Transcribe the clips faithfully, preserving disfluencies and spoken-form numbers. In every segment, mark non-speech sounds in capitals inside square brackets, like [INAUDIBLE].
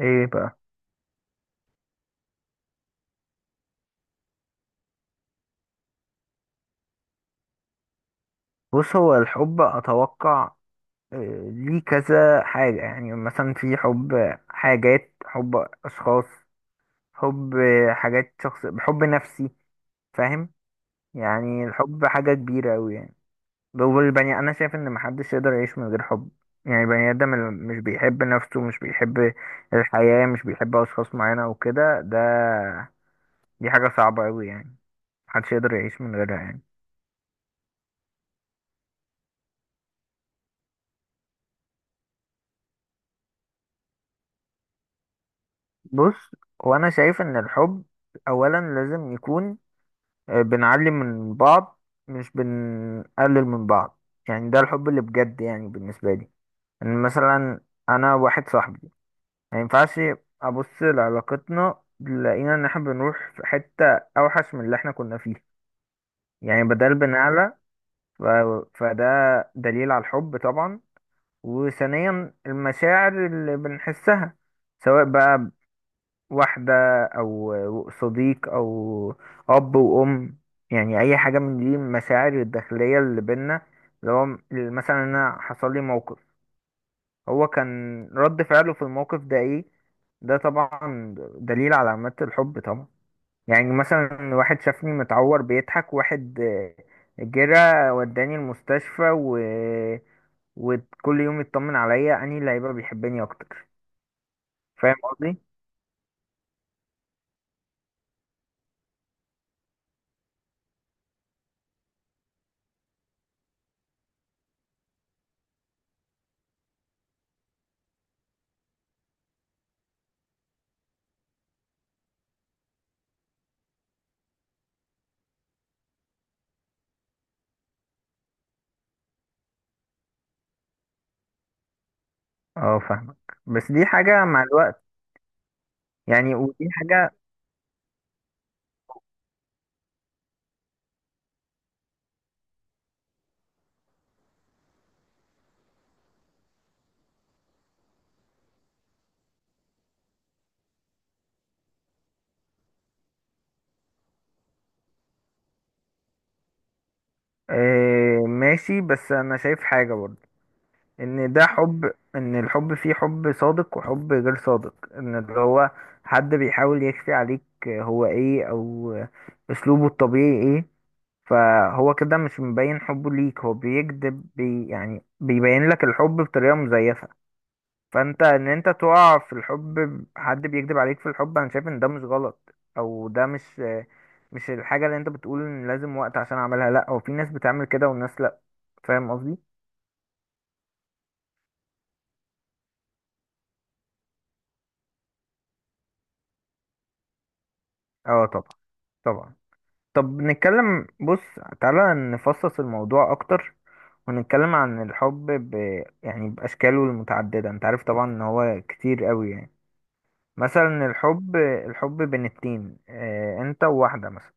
ايه بقى؟ بص، هو الحب اتوقع آه، ليه كذا حاجة. يعني مثلا في حب حاجات، حب اشخاص، حب حاجات شخص، حب نفسي. فاهم؟ يعني الحب حاجة كبيرة اوي يعني. هو البني، انا شايف ان محدش يقدر يعيش من غير حب. يعني البني ادم اللي مش بيحب نفسه، مش بيحب الحياة، مش بيحب اشخاص معينة وكده، ده دي حاجة صعبة اوي يعني. محدش يقدر يعيش من غيرها يعني. بص، وانا شايف ان الحب اولا لازم يكون آه، بنعلي من بعض، مش بنقلل من بعض. يعني ده الحب اللي بجد يعني بالنسبة لي. ان مثلا انا واحد صاحبي ما ينفعش ابص لعلاقتنا لقينا ان احنا بنروح في حتة اوحش من اللي احنا كنا فيه، يعني بدل بنعلى. ف... فده دليل على الحب طبعا. وثانيا المشاعر اللي بنحسها، سواء بقى واحدة أو صديق أو أب وأم، يعني أي حاجة من دي. المشاعر الداخلية اللي بينا، اللي هو مثلا أنا حصل لي موقف، هو كان رد فعله في الموقف ده إيه؟ ده طبعا دليل على علامات الحب طبعا. يعني مثلا واحد شافني متعور بيضحك، واحد آه، جرى وداني المستشفى و... وكل يوم يطمن عليا، أنهي اللي هيبقى بيحبني أكتر؟ فاهم قصدي؟ اه فاهمك، بس دي حاجة مع الوقت. يعني ودي حاجة آه، ماشي، بس أنا شايف حاجة برضه. إن ده حب، إن الحب فيه حب صادق وحب غير صادق، إن اللي هو حد بيحاول يخفي عليك هو إيه، أو أسلوبه الطبيعي إيه، فهو كده مش مبين حبه ليك، هو بيكذب بي، يعني بيبين لك الحب بطريقة مزيفة. فانت ان انت تقع في الحب ب- حد بيكذب عليك في الحب، انا شايف ان ده مش غلط، او ده مش مش الحاجه اللي انت بتقول ان لازم وقت عشان اعملها. لا، هو في ناس بتعمل كده والناس لا. فاهم قصدي؟ اه طبعا، طبعا. طب نتكلم، بص، تعالى نفصص الموضوع اكتر ونتكلم عن الحب ب... يعني باشكاله المتعدده. انت عارف طبعا ان هو كتير قوي يعني. مثلا الحب، الحب بين اتنين، اه انت وواحده مثلا.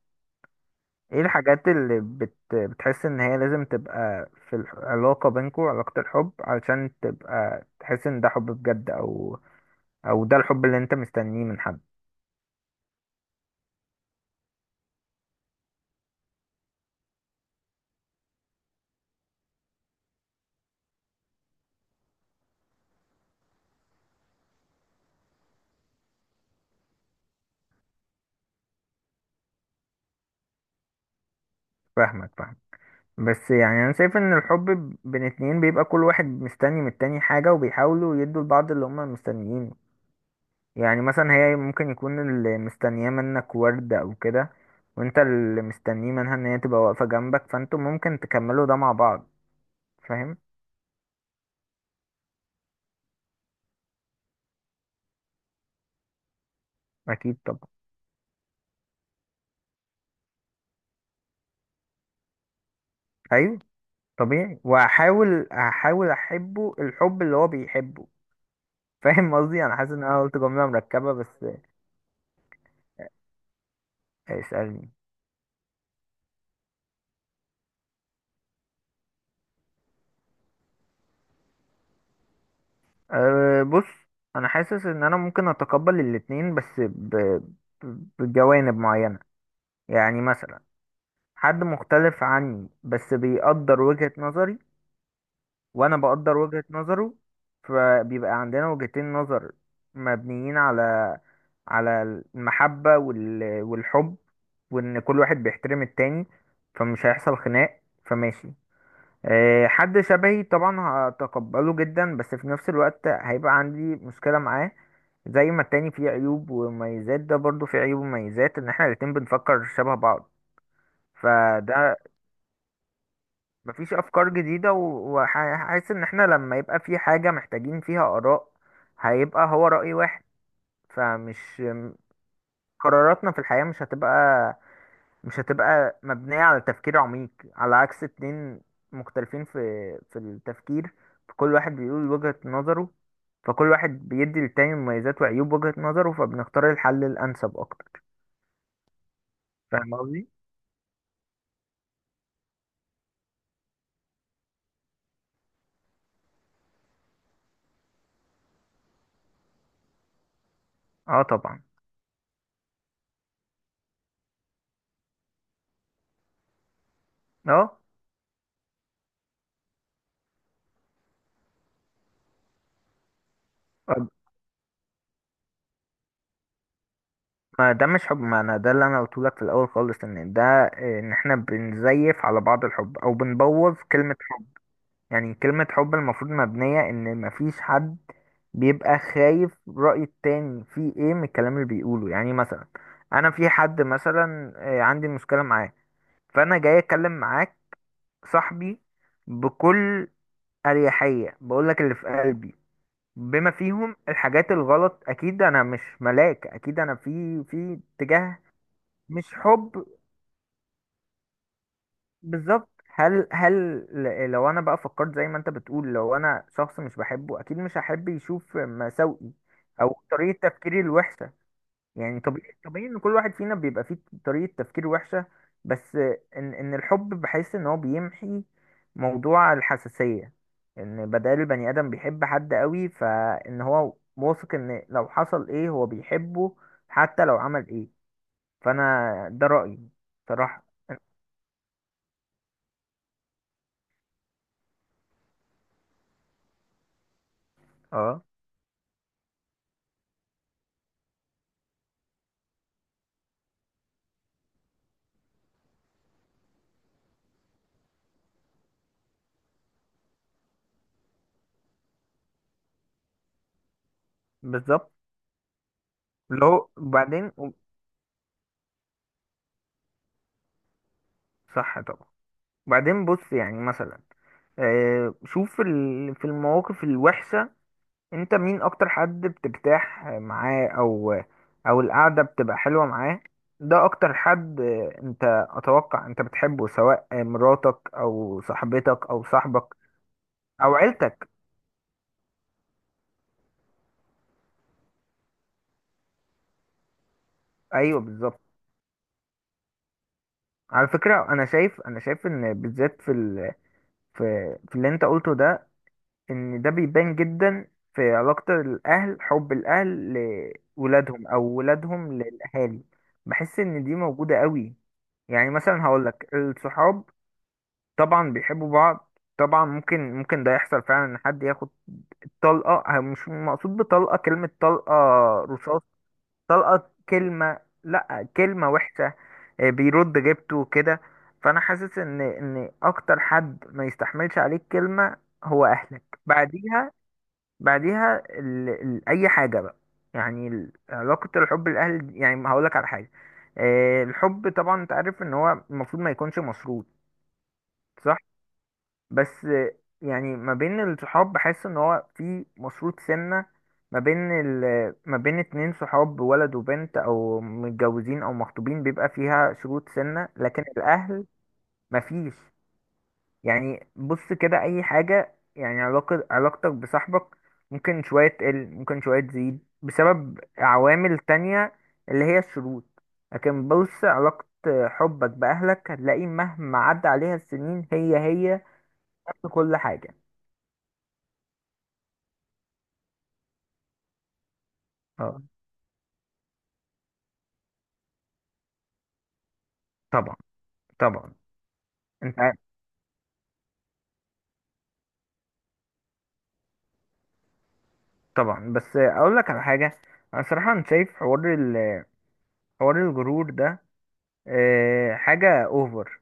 ايه الحاجات اللي بت... بتحس ان هي لازم تبقى في العلاقة بينكو، علاقة الحب، علشان تبقى تحس ان ده حب بجد، او او ده الحب اللي انت مستنيه من حد؟ فاهمك، فاهم. بس يعني انا شايف ان الحب ب- بين اتنين بيبقى كل واحد مستني من التاني حاجة، وبيحاولوا يدوا لبعض اللي هما مستنيينه. يعني مثلا هي ممكن يكون اللي مستنياه منك وردة او كده، وانت اللي مستنيه منها ان هي تبقى واقفة جنبك، فانتوا ممكن تكملوا ده مع بعض. فاهم؟ اكيد طبعا، ايوه. طبيعي، وهحاول هحاول احبه الحب اللي هو بيحبه. [LAUGHS] فاهم قصدي؟ انا حاسس ان انا قلت جمله مركبه بس. اسالني. أه بص، انا حاسس ان انا ممكن اتقبل الاتنين، بس ب... ب- بجوانب معينه. يعني مثلا حد مختلف عني بس بيقدر وجهة نظري، وانا بقدر وجهة نظره، فبيبقى عندنا وجهتين نظر مبنيين على على المحبة وال... والحب، وان كل واحد بيحترم التاني، فمش هيحصل خناق، فماشي. آه، حد شبهي طبعا هتقبله جدا، بس في نفس الوقت هيبقى عندي مشكلة معاه. زي ما التاني فيه عيوب ومميزات، ده برضو فيه عيوب ومميزات ان احنا الاتنين بنفكر شبه بعض. فده مفيش افكار جديده، وحاسس ان احنا لما يبقى في حاجه محتاجين فيها اراء، هيبقى هو راي واحد، فمش قراراتنا في الحياه مش هتبقى، مش هتبقى مبنيه على تفكير عميق، على عكس اتنين مختلفين في في التفكير، فكل واحد بيقول وجهه نظره، فكل واحد بيدي للتاني مميزات وعيوب وجهه نظره، فبنختار الحل الانسب اكتر. فاهم قصدي؟ اه طبعا. اه، ما ده مش حب. ما انا ده اللي انا قلت لك في الاول خالص، ان ده ان احنا بنزيف على بعض الحب، او بنبوظ كلمة حب. يعني كلمة حب المفروض مبنية ان مفيش حد بيبقى خايف رأي التاني في ايه من الكلام اللي بيقوله. يعني مثلا انا في حد مثلا آه، عندي مشكلة معاه، فانا جاي اتكلم معاك، صاحبي، بكل اريحية، بقولك اللي في قلبي بما فيهم الحاجات الغلط. اكيد انا مش ملاك، اكيد انا في في اتجاه مش حب. بالظبط. هل هل ل- لو انا بقى فكرت زي ما انت بتقول، لو انا شخص مش بحبه اكيد مش هحب يشوف مساوئي، او طريقة تفكيري الوحشة. يعني طبيعي، طبيعي ان كل واحد فينا بيبقى فيه طريقة تفكير وحشة، بس ان ان الحب بحس ان هو بيمحي موضوع الحساسية، ان بدل البني ادم بيحب حد قوي، فان هو واثق ان لو حصل ايه هو بيحبه حتى لو عمل ايه. فانا ده رأيي صراحة. اه بالظبط. لو وبعدين، صح طبعا. وبعدين بص، يعني مثلا آه، شوف ال- في المواقف الوحشة، انت مين اكتر حد بترتاح معاه، او او القعدة بتبقى حلوة معاه؟ ده اكتر حد آه، انت اتوقع انت بتحبه، سواء آه، مراتك او صاحبتك او صاحبك او عيلتك. ايوه بالظبط. على فكرة، انا شايف، انا شايف ان بالذات في ال... في في اللي انت قلته ده، ان ده بيبان جدا في علاقة الاهل، حب الاهل لولادهم او ولادهم للاهالي. بحس ان دي موجودة قوي. يعني مثلا هقولك الصحاب طبعا بيحبوا بعض. طبعا ممكن، ممكن ده يحصل فعلا، ان حد ياخد طلقة. أه، مش مقصود بطلقة كلمة طلقة رصاص، طلقة كلمة، لا، كلمة وحشة. أه، بيرد جبته كده. فانا حاسس ان ان اكتر حد ما يستحملش عليك كلمة هو اهلك. بعديها، بعديها ال... ال... اي حاجه بقى. يعني ال- علاقه الحب الاهل، يعني هقول لك على حاجه. آه، الحب طبعا انت عارف ان هو المفروض ما يكونش مشروط. صح. بس آه، يعني ما بين الصحاب بحس ان هو في مشروط سنه، ما بين ال... ما بين اتنين صحاب، ولد وبنت او متجوزين او مخطوبين، بيبقى فيها شروط سنه. لكن الاهل ما فيش. يعني بص كده، اي حاجة يعني علاقة، علاقتك بصاحبك ممكن شوية تقل، ممكن شوية تزيد بسبب عوامل تانية، اللي هي الشروط. لكن بص، علاقة حبك بأهلك هتلاقي مهما عدى عليها السنين هي هي، نفس كل حاجة. اه طبعا، طبعا. انت عارف طبعا، بس اقول لك على حاجة. انا صراحة انا شايف حوار ال- حوار الغرور ده آه، حاجة اوفر.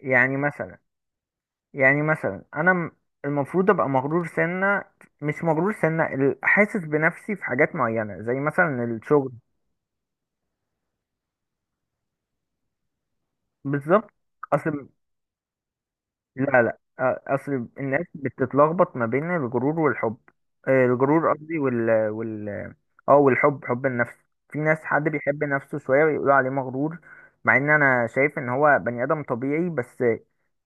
يعني مثلا، يعني مثلا انا م- المفروض ابقى مغرور سنة، مش مغرور سنة ال- حاسس بنفسي في حاجات معينة زي مثلا الشغل. بالظبط. اصل، لا لا أ- اصل الناس بتتلخبط ما بين الغرور والحب. آه، الغرور قصدي، وال وال اه والحب حب النفس. في ناس، حد بيحب نفسه شوية ويقولوا عليه مغرور، مع ان انا شايف ان هو بني ادم طبيعي، بس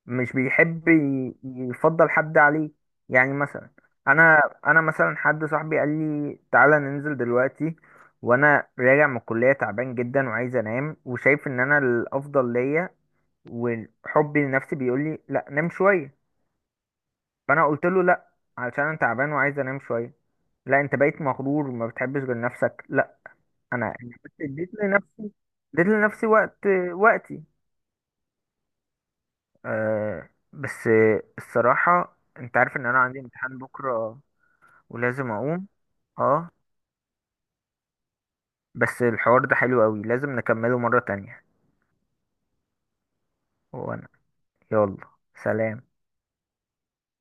مش بيحب ي- يفضل حد عليه. يعني مثلا انا، انا مثلا حد صاحبي قال لي تعالى ننزل دلوقتي، وانا راجع من الكلية تعبان جدا وعايز انام، وشايف ان انا الافضل ليا وحبي لنفسي بيقول لي لا نام شويه. فانا قلت له لا، علشان انا تعبان وعايز انام شويه. لا انت بقيت مغرور وما بتحبش غير نفسك. لا، انا انا بس اديت لنفسي، اديت لنفسي وقت، وقتي. آه، بس الصراحه انت عارف ان انا عندي امتحان بكره ولازم اقوم. اه بس الحوار ده حلو قوي، لازم نكمله مره تانية. وانا يلا. سلام.